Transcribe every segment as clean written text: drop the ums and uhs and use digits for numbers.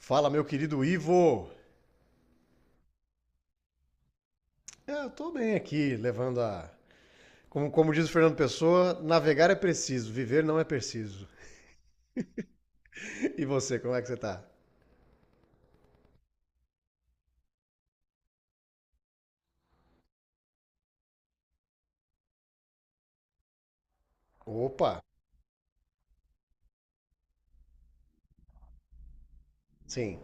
Fala, meu querido Ivo! É, eu tô bem aqui, levando a. Como diz o Fernando Pessoa, navegar é preciso, viver não é preciso. E você, como é que você tá? Opa! Sim,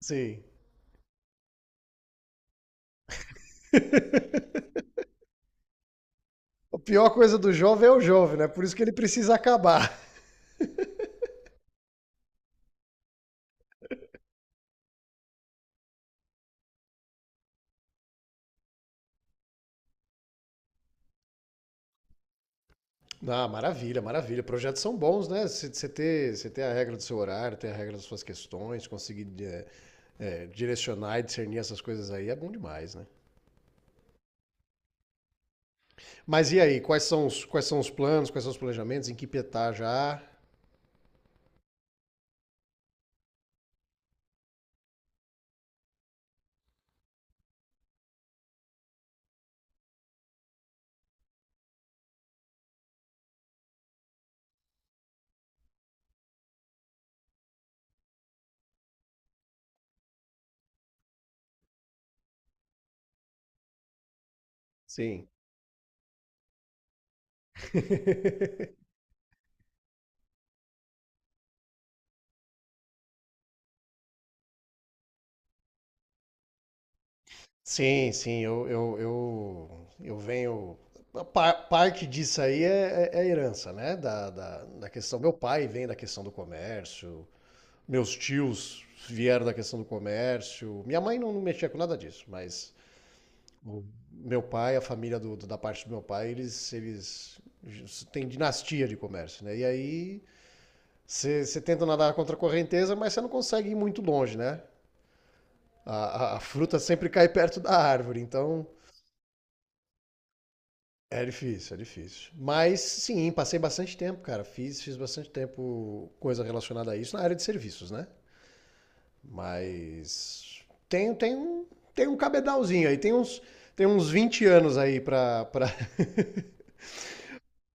sim. A pior coisa do jovem é o jovem, né? Por isso que ele precisa acabar. Ah, maravilha, maravilha. Projetos são bons, né? Você ter, você ter a regra do seu horário, ter a regra das suas questões, conseguir direcionar e discernir essas coisas aí é bom demais, né? Mas e aí, quais são os planos, quais são os planejamentos, em que pé tá já? Sim. Sim, sim, eu venho. Parte disso aí é herança, né? Da questão. Meu pai vem da questão do comércio, meus tios vieram da questão do comércio. Minha mãe não mexia com nada disso, mas o meu pai, a família da parte do meu pai, eles têm dinastia de comércio, né? E aí você tenta nadar contra a correnteza, mas você não consegue ir muito longe, né? A fruta sempre cai perto da árvore, então é difícil, é difícil. Mas sim, passei bastante tempo, cara. Fiz bastante tempo coisa relacionada a isso na área de serviços, né? Mas tem, tem, um- tem um cabedalzinho aí, tem uns 20 anos aí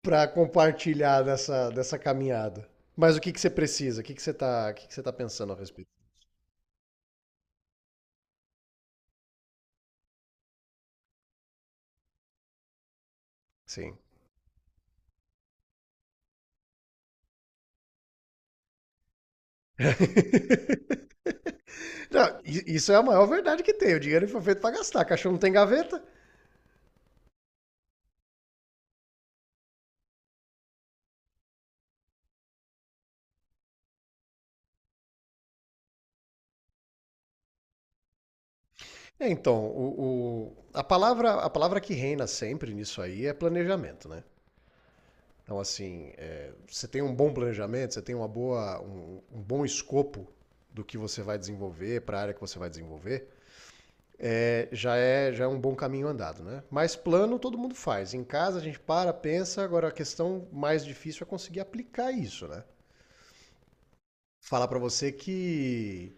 pra compartilhar dessa, dessa caminhada. Mas o que que você precisa? O que que você tá pensando a respeito? Sim. Não, isso é a maior verdade que tem. O dinheiro foi feito para gastar. Cachorro não tem gaveta. É, então, a palavra que reina sempre nisso aí é planejamento, né? Então, assim, é, você tem um bom planejamento, você tem uma boa, um bom escopo do que você vai desenvolver, para a área que você vai desenvolver, já é um bom caminho andado, né? Mas plano todo mundo faz. Em casa a gente para, pensa. Agora a questão mais difícil é conseguir aplicar isso, né? Falar para você que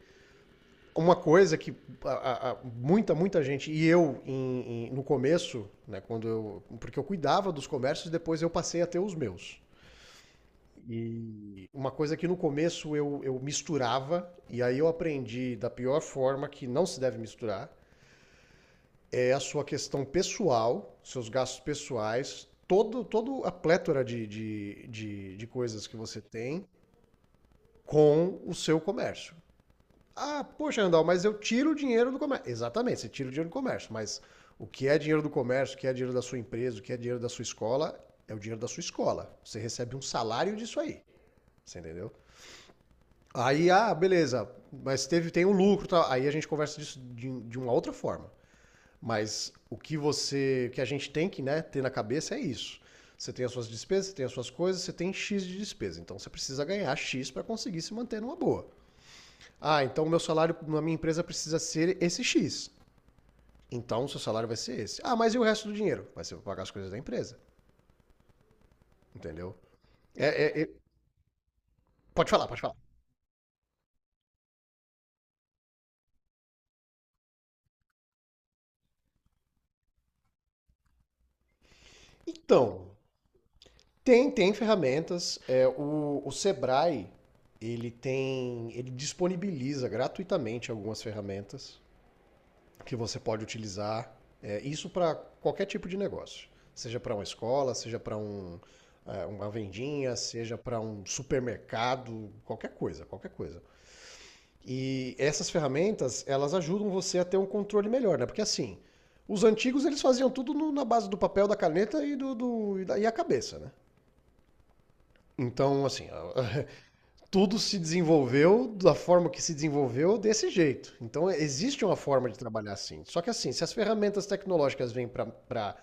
uma coisa que muita, muita gente, e eu no começo, né, quando eu, porque eu cuidava dos comércios, depois eu passei a ter os meus. E uma coisa que no começo eu misturava, e aí eu aprendi da pior forma que não se deve misturar, é a sua questão pessoal, seus gastos pessoais, todo a plétora de coisas que você tem com o seu comércio. Ah, poxa, Andal, mas eu tiro o dinheiro do comércio. Exatamente, você tira o dinheiro do comércio, mas o que é dinheiro do comércio, o que é dinheiro da sua empresa, o que é dinheiro da sua escola, é o dinheiro da sua escola. Você recebe um salário disso aí. Você entendeu? Aí, ah, beleza, mas teve, tem um lucro, tá? Aí a gente conversa disso de uma outra forma. Mas o que você, que a gente tem que, né, ter na cabeça é isso. Você tem as suas despesas, você tem as suas coisas, você tem X de despesa. Então você precisa ganhar X para conseguir se manter numa boa. Ah, então o meu salário na minha empresa precisa ser esse X. Então o seu salário vai ser esse. Ah, mas e o resto do dinheiro? Vai ser pra pagar as coisas da empresa, entendeu? É- é- é- Pode falar, pode falar. Então, tem, tem ferramentas. É, o Sebrae, ele tem, ele disponibiliza gratuitamente algumas ferramentas que você pode utilizar. É, isso para qualquer tipo de negócio, seja para uma escola, seja para um, é, uma vendinha, seja para um supermercado, qualquer coisa, qualquer coisa. E essas ferramentas, elas ajudam você a ter um controle melhor, né? Porque assim, os antigos eles faziam tudo na base do papel, da caneta e a cabeça, né? Então, assim, a- tudo se desenvolveu da forma que se desenvolveu desse jeito. Então, existe uma forma de trabalhar assim. Só que assim, se as ferramentas tecnológicas vêm para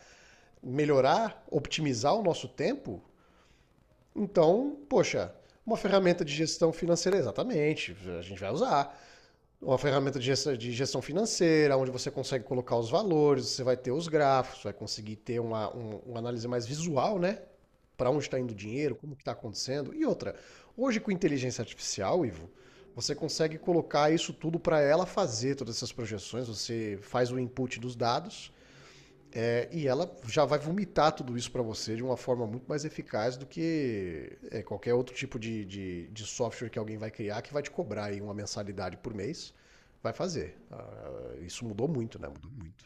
melhorar, optimizar o nosso tempo, então, poxa, uma ferramenta de gestão financeira, exatamente, a gente vai usar. Uma ferramenta de gestão financeira, onde você consegue colocar os valores, você vai ter os gráficos, vai conseguir ter uma análise mais visual, né? Para onde está indo o dinheiro, como que está acontecendo. E outra, hoje com inteligência artificial, Ivo, você consegue colocar isso tudo para ela fazer todas essas projeções, você faz o input dos dados, e ela já vai vomitar tudo isso para você de uma forma muito mais eficaz do que é, qualquer outro tipo de software que alguém vai criar que vai te cobrar aí uma mensalidade por mês. Vai fazer. Ah, isso mudou muito, né? Mudou muito.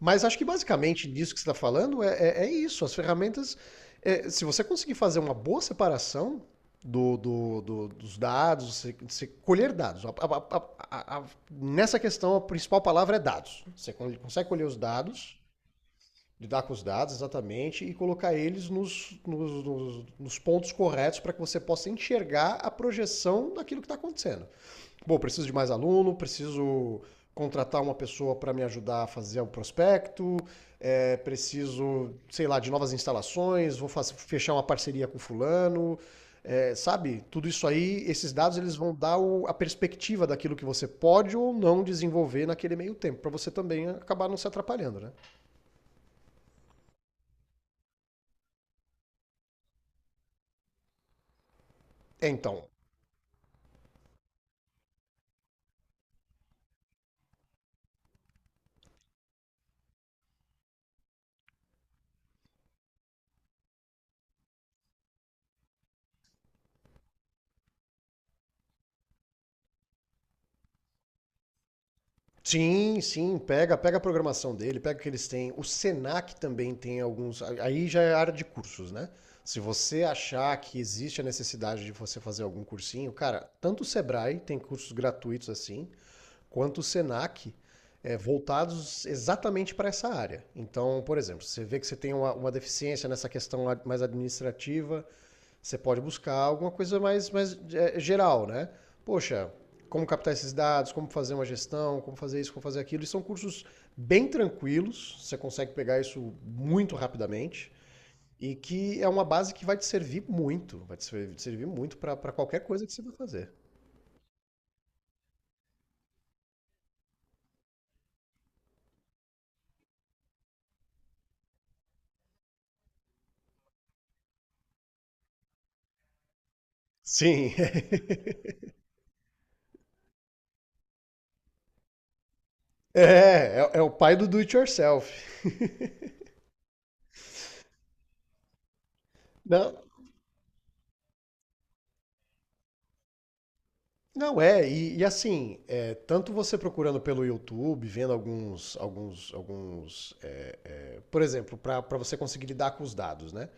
Mas acho que basicamente disso que você está falando é isso. As ferramentas, é, se você conseguir fazer uma boa separação dos dados, você, você colher dados. A- a- nessa questão, a principal palavra é dados. Você consegue colher os dados, lidar com os dados, exatamente, e colocar eles nos pontos corretos para que você possa enxergar a projeção daquilo que está acontecendo. Bom, preciso de mais aluno, preciso contratar uma pessoa para me ajudar a fazer o prospecto, é, preciso, sei lá, de novas instalações, vou fazer, fechar uma parceria com fulano, é, sabe? Tudo isso aí, esses dados eles vão dar o, a perspectiva daquilo que você pode ou não desenvolver naquele meio tempo, para você também acabar não se atrapalhando, né? É, então, sim, sim, pega, pega a programação dele, pega o que eles têm. O Senac também tem alguns. Aí já é área de cursos, né? Se você achar que existe a necessidade de você fazer algum cursinho, cara, tanto o Sebrae tem cursos gratuitos assim, quanto o Senac, é, voltados exatamente para essa área. Então, por exemplo, você vê que você tem uma deficiência nessa questão mais administrativa, você pode buscar alguma coisa mais, mais é, geral, né? Poxa, como captar esses dados, como fazer uma gestão, como fazer isso, como fazer aquilo. E são cursos bem tranquilos, você consegue pegar isso muito rapidamente. E que é uma base que vai te servir muito, vai te servir muito para qualquer coisa que você vai fazer. Sim, é o pai do do it yourself. Não, não é, e assim, é, tanto você procurando pelo YouTube, vendo alguns. Por exemplo, para você conseguir lidar com os dados, né?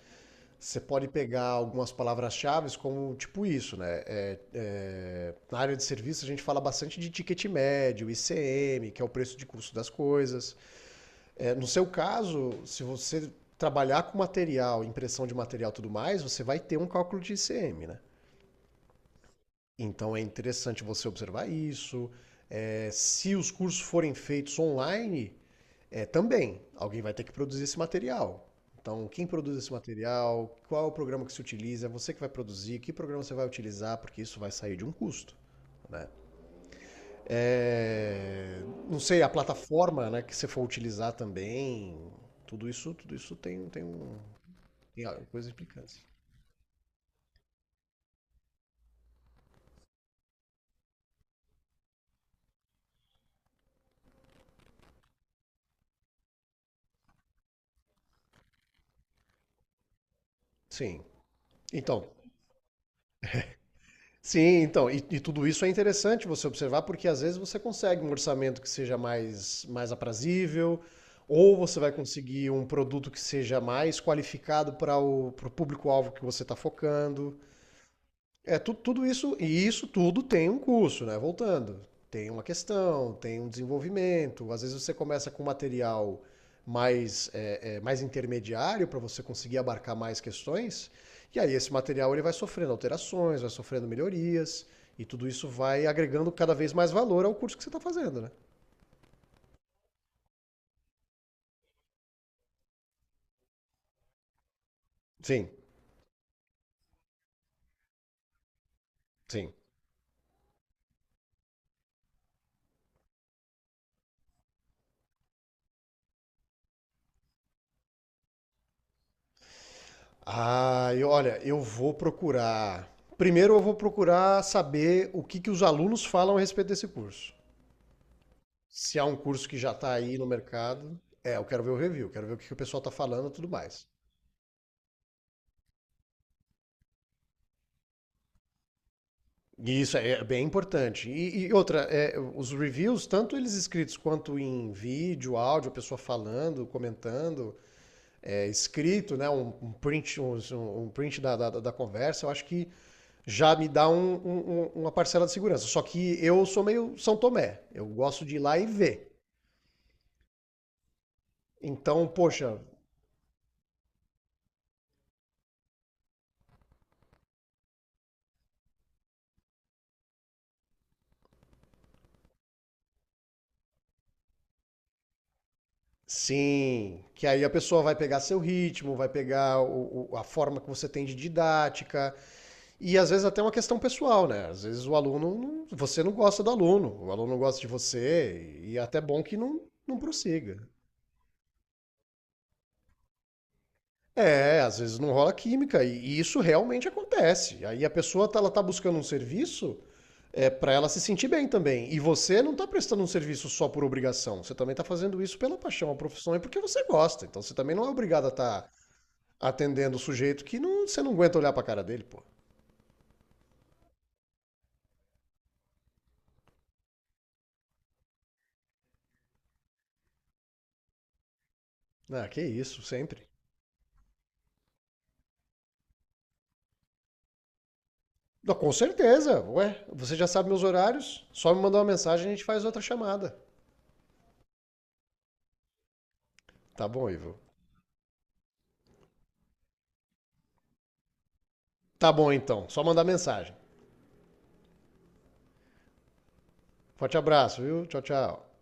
Você pode pegar algumas palavras-chave como tipo isso, né? Na área de serviço a gente fala bastante de ticket médio, ICM, que é o preço de custo das coisas. É, no seu caso, se você trabalhar com material, impressão de material e tudo mais, você vai ter um cálculo de ICM, né? Então é interessante você observar isso. É, se os cursos forem feitos online, é, também, alguém vai ter que produzir esse material. Então, quem produz esse material, qual é o programa que se utiliza, é você que vai produzir, que programa você vai utilizar, porque isso vai sair de um custo, né? É, não sei, a plataforma, né, que você for utilizar também, tudo isso tem, tem um, tem a- coisa implicância. Sim. Então, sim, então, e tudo isso é interessante você observar, porque às vezes você consegue um orçamento que seja mais, mais aprazível, ou você vai conseguir um produto que seja mais qualificado para o pro público-alvo que você está focando. É, tudo isso, e isso tudo tem um curso, né? Voltando. Tem uma questão, tem um desenvolvimento. Às vezes você começa com material mais, é, é, mais intermediário para você conseguir abarcar mais questões, e aí esse material ele vai sofrendo alterações, vai sofrendo melhorias, e tudo isso vai agregando cada vez mais valor ao curso que você está fazendo, né? Sim, sim. Ah, e olha, eu vou procurar. Primeiro eu vou procurar saber o que que os alunos falam a respeito desse curso. Se há um curso que já está aí no mercado, é, eu quero ver o review, quero ver o que o pessoal está falando e tudo mais. E isso é bem importante. E outra, é, os reviews, tanto eles escritos quanto em vídeo, áudio, a pessoa falando, comentando, é, escrito, né, um print, da conversa, eu acho que já me dá uma parcela de segurança. Só que eu sou meio São Tomé, eu gosto de ir lá e ver. Então, poxa, sim, que aí a pessoa vai pegar seu ritmo, vai pegar a forma que você tem de didática, e às vezes até uma questão pessoal, né? Às vezes o aluno, não- você não gosta do aluno, o aluno não gosta de você, e é até bom que não, não prossiga. É, às vezes não rola química, e isso realmente acontece. Aí a pessoa, tá, ela tá buscando um serviço é, para ela se sentir bem também, e você não tá prestando um serviço só por obrigação, você também tá fazendo isso pela paixão, a profissão, e porque você gosta, então você também não é obrigado a estar atendendo o sujeito que não, você não aguenta olhar pra cara dele, pô. Ah, que isso, sempre. Não, com certeza, ué. Você já sabe meus horários, só me mandar uma mensagem e a gente faz outra chamada. Tá bom, Ivo? Tá bom então, só mandar mensagem. Forte abraço, viu? Tchau, tchau.